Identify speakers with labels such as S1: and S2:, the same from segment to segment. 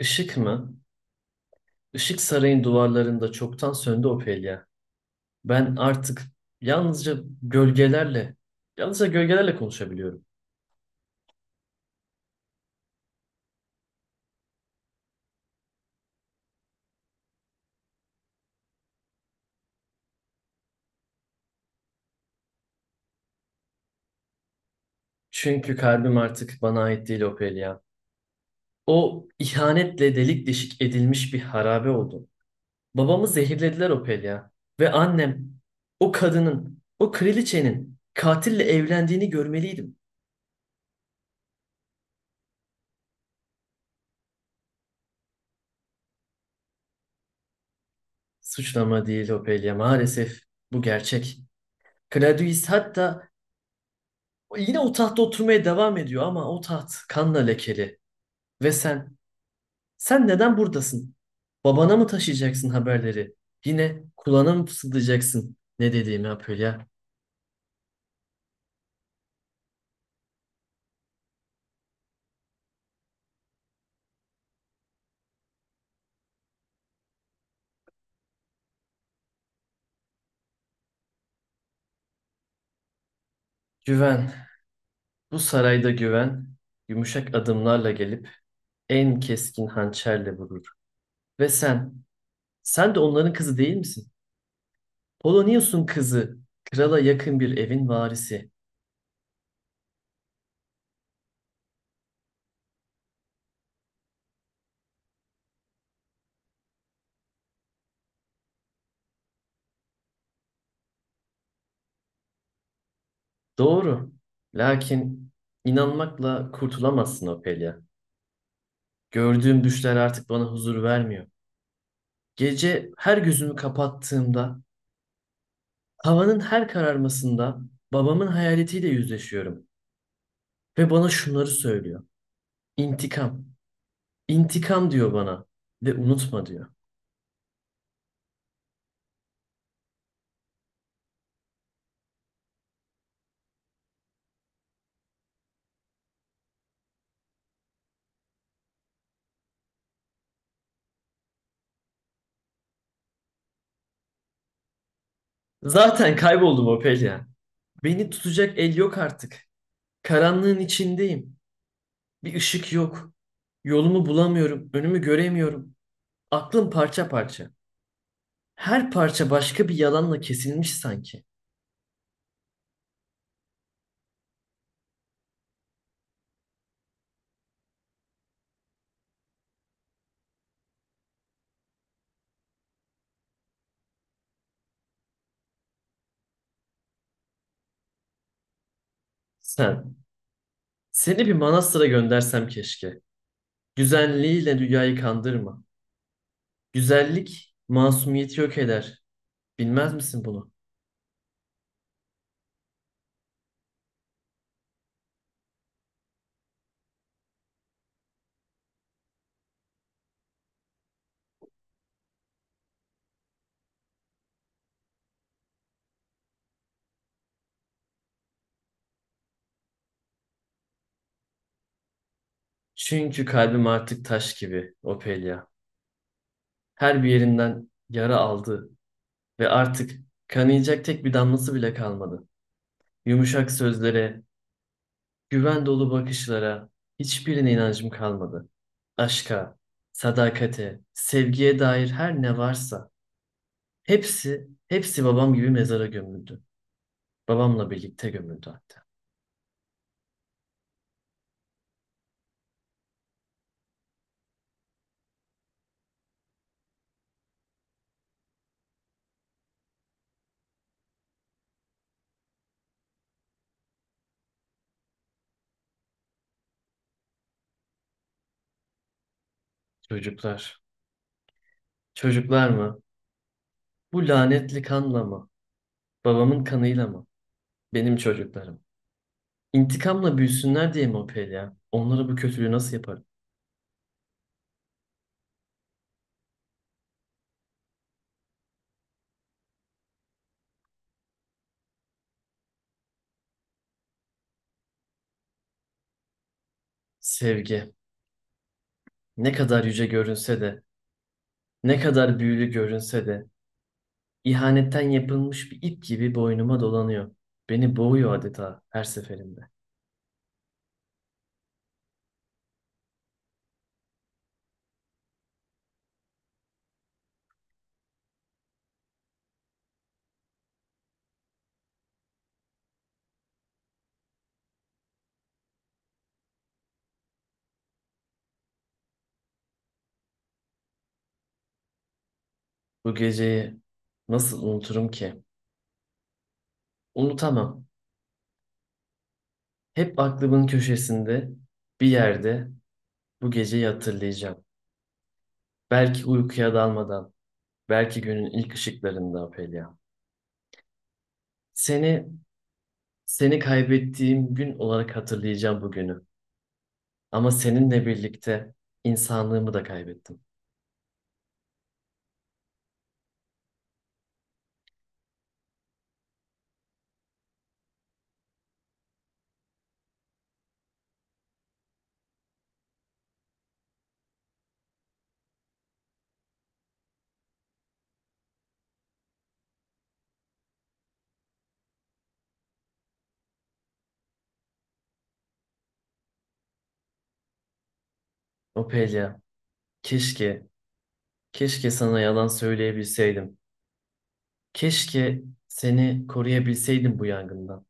S1: Işık mı? Işık sarayın duvarlarında çoktan söndü, Ophelia. Ben artık yalnızca gölgelerle, yalnızca gölgelerle konuşabiliyorum. Çünkü kalbim artık bana ait değil, Ophelia. O, ihanetle delik deşik edilmiş bir harabe oldu. Babamı zehirlediler, Ophelia. Ve annem, o kadının, o kraliçenin katille evlendiğini görmeliydim. Suçlama değil Ophelia, maalesef bu gerçek. Claudius hatta yine o tahtta oturmaya devam ediyor ama o taht kanla lekeli. Ve sen, sen neden buradasın? Babana mı taşıyacaksın haberleri? Yine kulağına mı fısıldayacaksın ne dediğimi, Apolya? Güven, bu sarayda güven, yumuşak adımlarla gelip en keskin hançerle vurur. Ve sen, sen de onların kızı değil misin? Polonius'un kızı, krala yakın bir evin varisi. Doğru. Lakin inanmakla kurtulamazsın, Ophelia. Gördüğüm düşler artık bana huzur vermiyor. Gece her gözümü kapattığımda, havanın her kararmasında babamın hayaletiyle yüzleşiyorum. Ve bana şunları söylüyor: İntikam. İntikam diyor bana. Ve unutma diyor. Zaten kayboldum Ophelia. Beni tutacak el yok artık. Karanlığın içindeyim. Bir ışık yok. Yolumu bulamıyorum. Önümü göremiyorum. Aklım parça parça. Her parça başka bir yalanla kesilmiş sanki. Sen. Seni bir manastıra göndersem keşke. Güzelliğiyle dünyayı kandırma. Güzellik masumiyeti yok eder. Bilmez misin bunu? Çünkü kalbim artık taş gibi, Ophelia. Her bir yerinden yara aldı ve artık kanayacak tek bir damlası bile kalmadı. Yumuşak sözlere, güven dolu bakışlara, hiçbirine inancım kalmadı. Aşka, sadakate, sevgiye dair her ne varsa hepsi, hepsi babam gibi mezara gömüldü. Babamla birlikte gömüldü hatta. Çocuklar. Çocuklar mı? Bu lanetli kanla mı? Babamın kanıyla mı? Benim çocuklarım. İntikamla büyüsünler diye mi, o Pelya? Onlara bu kötülüğü nasıl yaparım? Sevgi. Ne kadar yüce görünse de, ne kadar büyülü görünse de, ihanetten yapılmış bir ip gibi boynuma dolanıyor. Beni boğuyor adeta her seferinde. Bu geceyi nasıl unuturum ki? Unutamam. Hep aklımın köşesinde, bir yerde bu geceyi hatırlayacağım. Belki uykuya dalmadan, belki günün ilk ışıklarında, Pelia. Seni, seni kaybettiğim gün olarak hatırlayacağım bugünü. Ama seninle birlikte insanlığımı da kaybettim. O Opelia, keşke, keşke sana yalan söyleyebilseydim. Keşke seni koruyabilseydim bu yangından.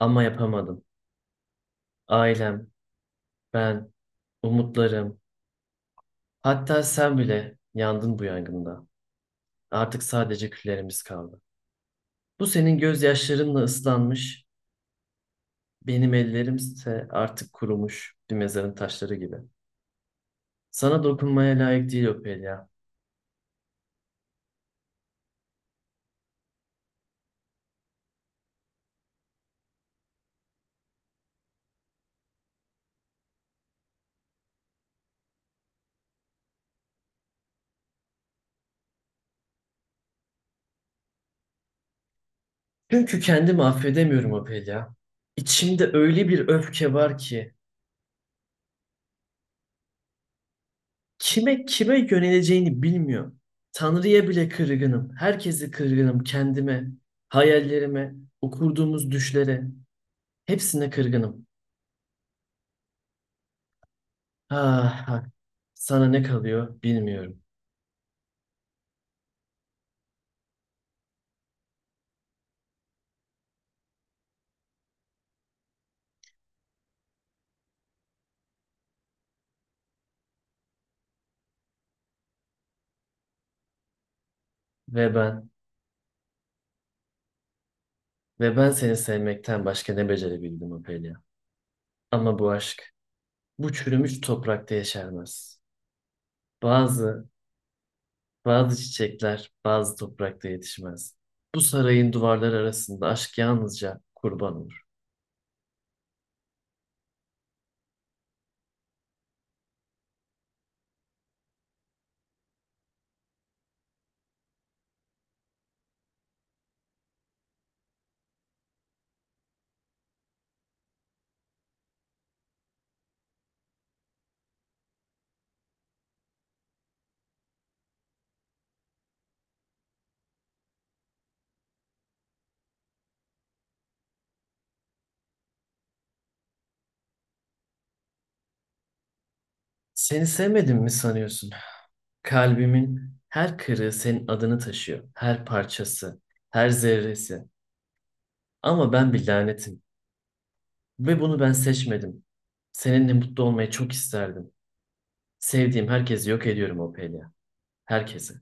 S1: Ama yapamadım. Ailem, ben, umutlarım, hatta sen bile yandın bu yangında. Artık sadece küllerimiz kaldı. Bu senin gözyaşlarınla ıslanmış. Benim ellerimse artık kurumuş bir mezarın taşları gibi. Sana dokunmaya layık değil, Ophelia. Çünkü kendimi affedemiyorum, Ophelia. İçimde öyle bir öfke var ki kime yöneleceğini bilmiyorum. Tanrı'ya bile kırgınım. Herkese kırgınım. Kendime, hayallerime, o kurduğumuz düşlere. Hepsine kırgınım. Ah, ah. Sana ne kalıyor bilmiyorum. Ve ben, ve ben seni sevmekten başka ne becerebildim, Ophelia. Ama bu aşk bu çürümüş toprakta yeşermez. Bazı, bazı çiçekler bazı toprakta yetişmez. Bu sarayın duvarları arasında aşk yalnızca kurban olur. Seni sevmedim mi sanıyorsun? Kalbimin her kırığı senin adını taşıyor. Her parçası, her zerresi. Ama ben bir lanetim ve bunu ben seçmedim. Seninle mutlu olmayı çok isterdim. Sevdiğim herkesi yok ediyorum, Ophelia. Herkesi.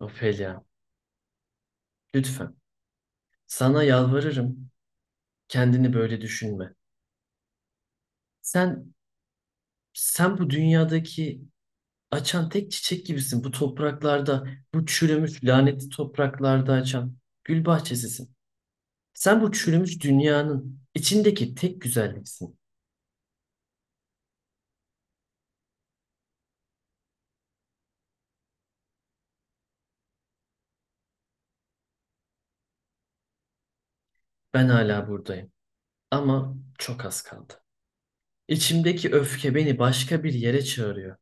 S1: Ophelia, lütfen. Sana yalvarırım. Kendini böyle düşünme. Sen sen bu dünyadaki açan tek çiçek gibisin. Bu topraklarda, bu çürümüş lanetli topraklarda açan gül bahçesisin. Sen bu çürümüş dünyanın içindeki tek güzelliksin. Ben hala buradayım ama çok az kaldı. İçimdeki öfke beni başka bir yere çağırıyor.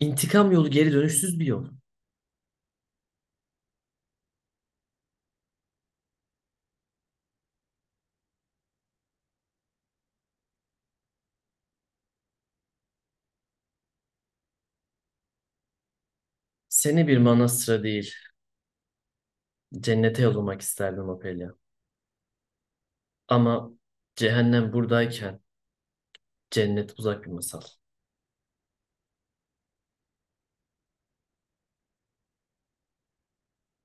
S1: İntikam yolu geri dönüşsüz bir yol. Seni bir manastıra değil, cennete yollamak isterdim, Ophelia. Ama cehennem buradayken cennet uzak bir masal.